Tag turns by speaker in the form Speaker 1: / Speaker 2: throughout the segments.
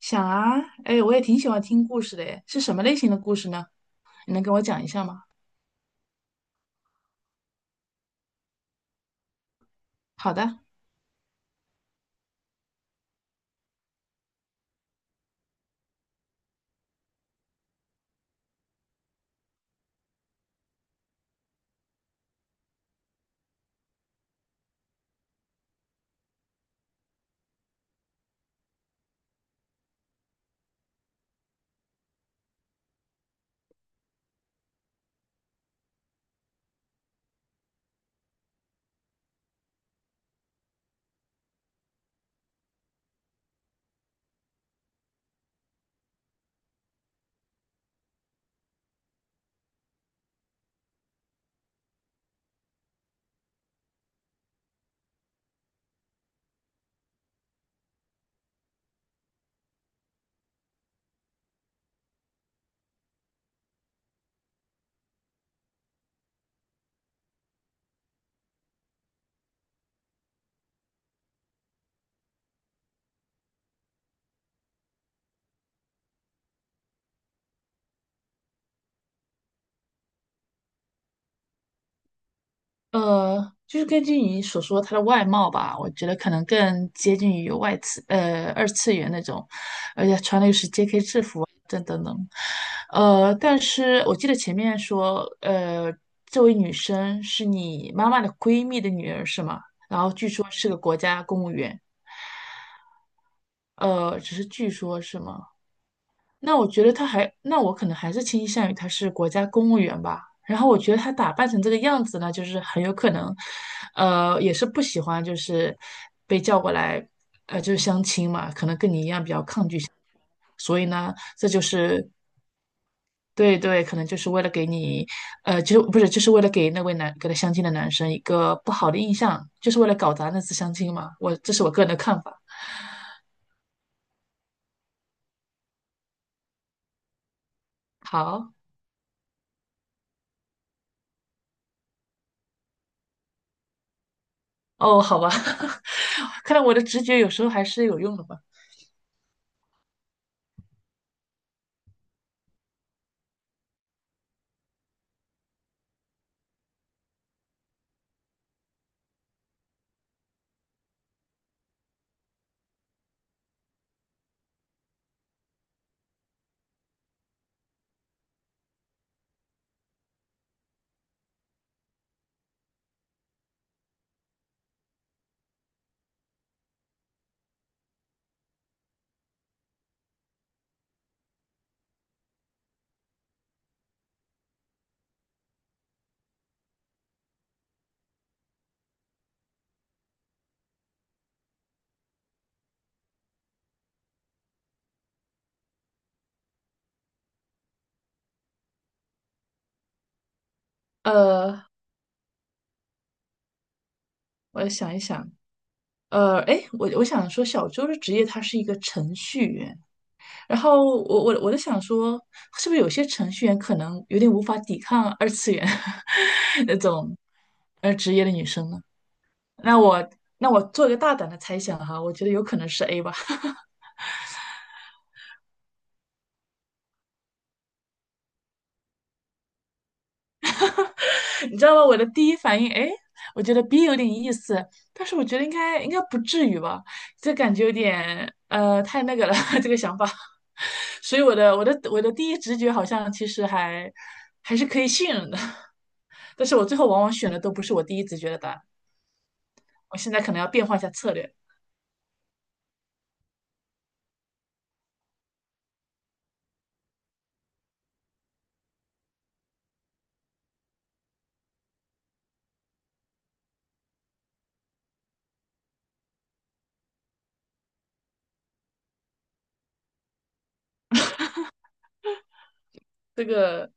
Speaker 1: 想啊，哎，我也挺喜欢听故事的。哎，是什么类型的故事呢？你能跟我讲一下吗？好的。就是根据你所说她的外貌吧，我觉得可能更接近于外次，呃，二次元那种，而且穿的又是 JK 制服啊等等等。但是我记得前面说，这位女生是你妈妈的闺蜜的女儿是吗？然后据说是个国家公务员。只是据说是吗？那我觉得他还，那我可能还是倾向于他是国家公务员吧。然后我觉得他打扮成这个样子呢，就是很有可能，也是不喜欢，就是被叫过来。所以呢，这就是对对，可能就是为了给你，就不是就是为了给那位男给他相亲的男生一个不好的印象，就是为了搞砸那次相亲嘛。我这是我个人的看法。好。哦，好吧。看来我的直觉有时候还是有用的吧。呃，我想一想。呃，哎，我想说，小周的职业他是一个程序员。然后我在想说，是不是有些程序员可能有点无法抵抗二次元 那种职业的女生呢？那我那我做一个大胆的猜想哈，我觉得有可能是 A 吧。你知道吗？我的第一反应，哎，我觉得 B 有点意思，但是我觉得应该不至于吧，这感觉有点太那个了，这个想法。所以我的第一直觉好像其实还是可以信任的。但是我最后往往选的都不是我第一直觉的答案，我现在可能要变换一下策略。这个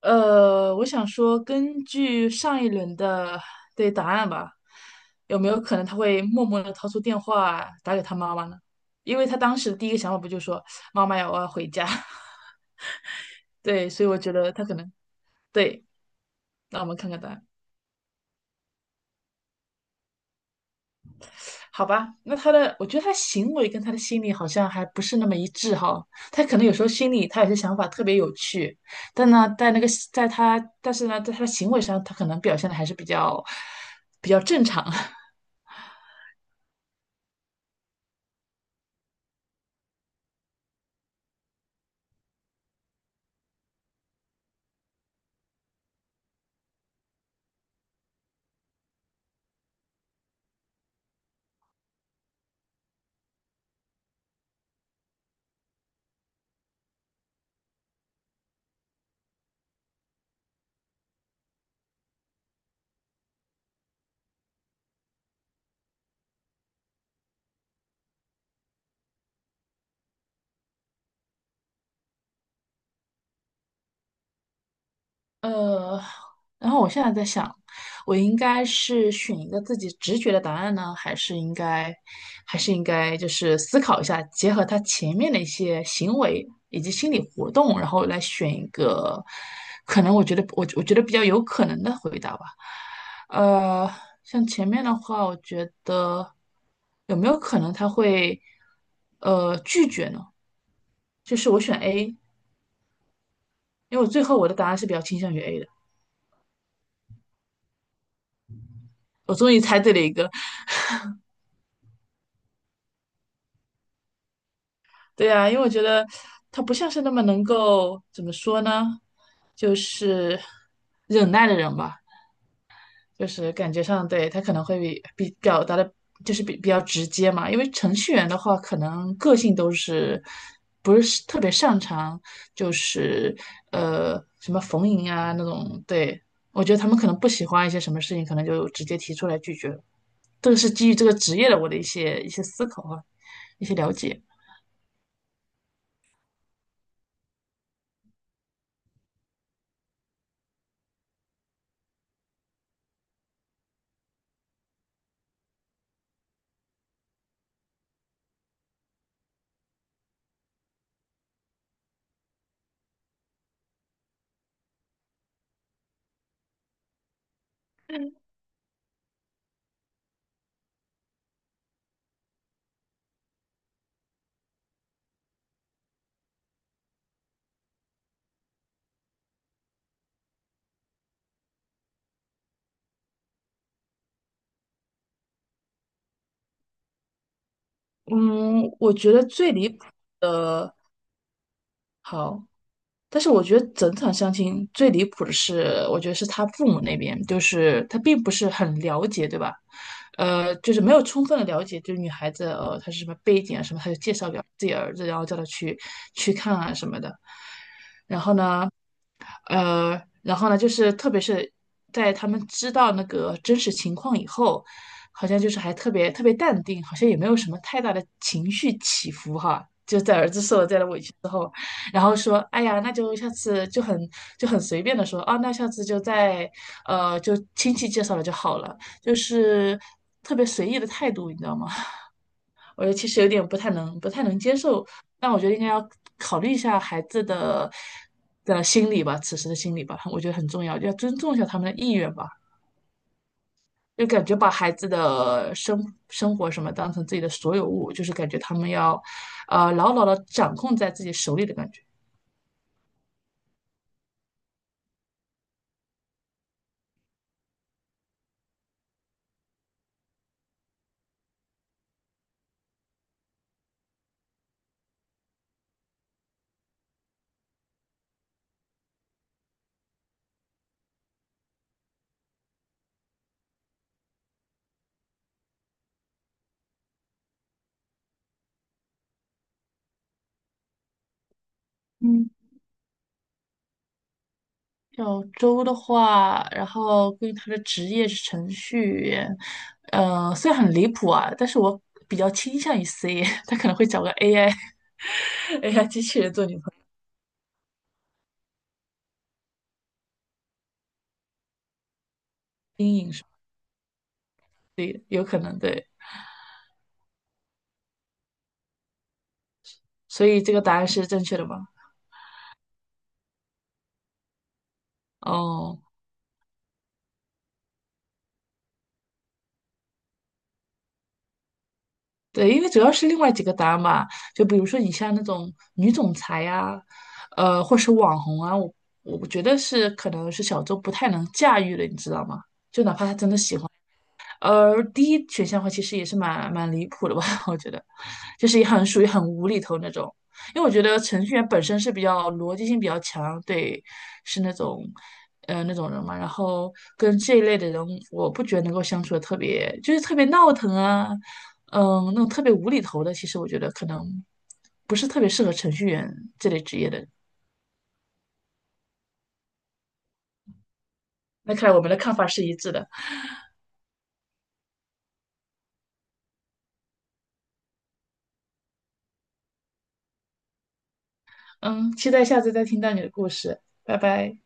Speaker 1: 我想说，根据上一轮的对答案吧，有没有可能他会默默的掏出电话打给他妈妈呢？因为他当时的第一个想法不就说妈妈呀，我要回家。对，所以我觉得他可能对。那我们看看答案，好吧？那他的，我觉得他行为跟他的心理好像还不是那么一致哈。他可能有时候心里他有些想法特别有趣，但呢，在那个在他，但是呢，在他的行为上，他可能表现的还是比较正常。呃，然后我现在在想，我应该是选一个自己直觉的答案呢，还是应该，还是应该就是思考一下，结合他前面的一些行为以及心理活动，然后来选一个，可能我觉得我觉得比较有可能的回答吧。呃，像前面的话，我觉得有没有可能他会拒绝呢？就是我选 A，因为我最后我的答案是比较倾向于 A 的。我终于猜对了一个对啊，因为我觉得他不像是那么能够怎么说呢，就是忍耐的人吧，就是感觉上对他可能会比表达的，就是比较直接嘛。因为程序员的话，可能个性都是不是特别擅长，就是什么逢迎啊那种。对，我觉得他们可能不喜欢一些什么事情，可能就直接提出来拒绝了。这个是基于这个职业的我的一些思考啊，一些了解。嗯，我觉得最离谱的，好，但是我觉得整场相亲最离谱的是，我觉得是他父母那边，就是他并不是很了解，对吧？就是没有充分的了解，就是女孩子她是什么背景啊什么，他就介绍给自己儿子，然后叫他去去看啊什么的。然后呢，然后呢，就是特别是在他们知道那个真实情况以后，好像就是还特别淡定，好像也没有什么太大的情绪起伏哈。就在儿子受了这样的委屈之后，然后说，哎呀，那就下次就很随便的说，啊，那下次就在就亲戚介绍了就好了，就是特别随意的态度，你知道吗？我觉得其实有点不太能接受，但我觉得应该要考虑一下孩子的心理吧，此时的心理吧，我觉得很重要，要尊重一下他们的意愿吧。就感觉把孩子的生活什么当成自己的所有物，就是感觉他们要，牢牢的掌控在自己手里的感觉。嗯。小周的话，然后关于他的职业是程序员，虽然很离谱啊，但是我比较倾向于 C。他可能会找个 AI 机器人做女朋友，阴影是吧？对，有可能对。所以这个答案是正确的吗？哦，对，因为主要是另外几个答案嘛，就比如说你像那种女总裁呀、或是网红啊，我觉得是可能是小周不太能驾驭的，你知道吗？而第一选项的话，其实也是蛮离谱的吧。我觉得，就是也很属于很无厘头那种。因为我觉得程序员本身是比较逻辑性比较强，对，是那种，那种人嘛。然后跟这一类的人，我不觉得能够相处的特别，就是特别闹腾啊。嗯，那种特别无厘头的，其实我觉得可能不是特别适合程序员这类职业的人。那看来我们的看法是一致的。嗯，期待下次再听到你的故事，拜拜。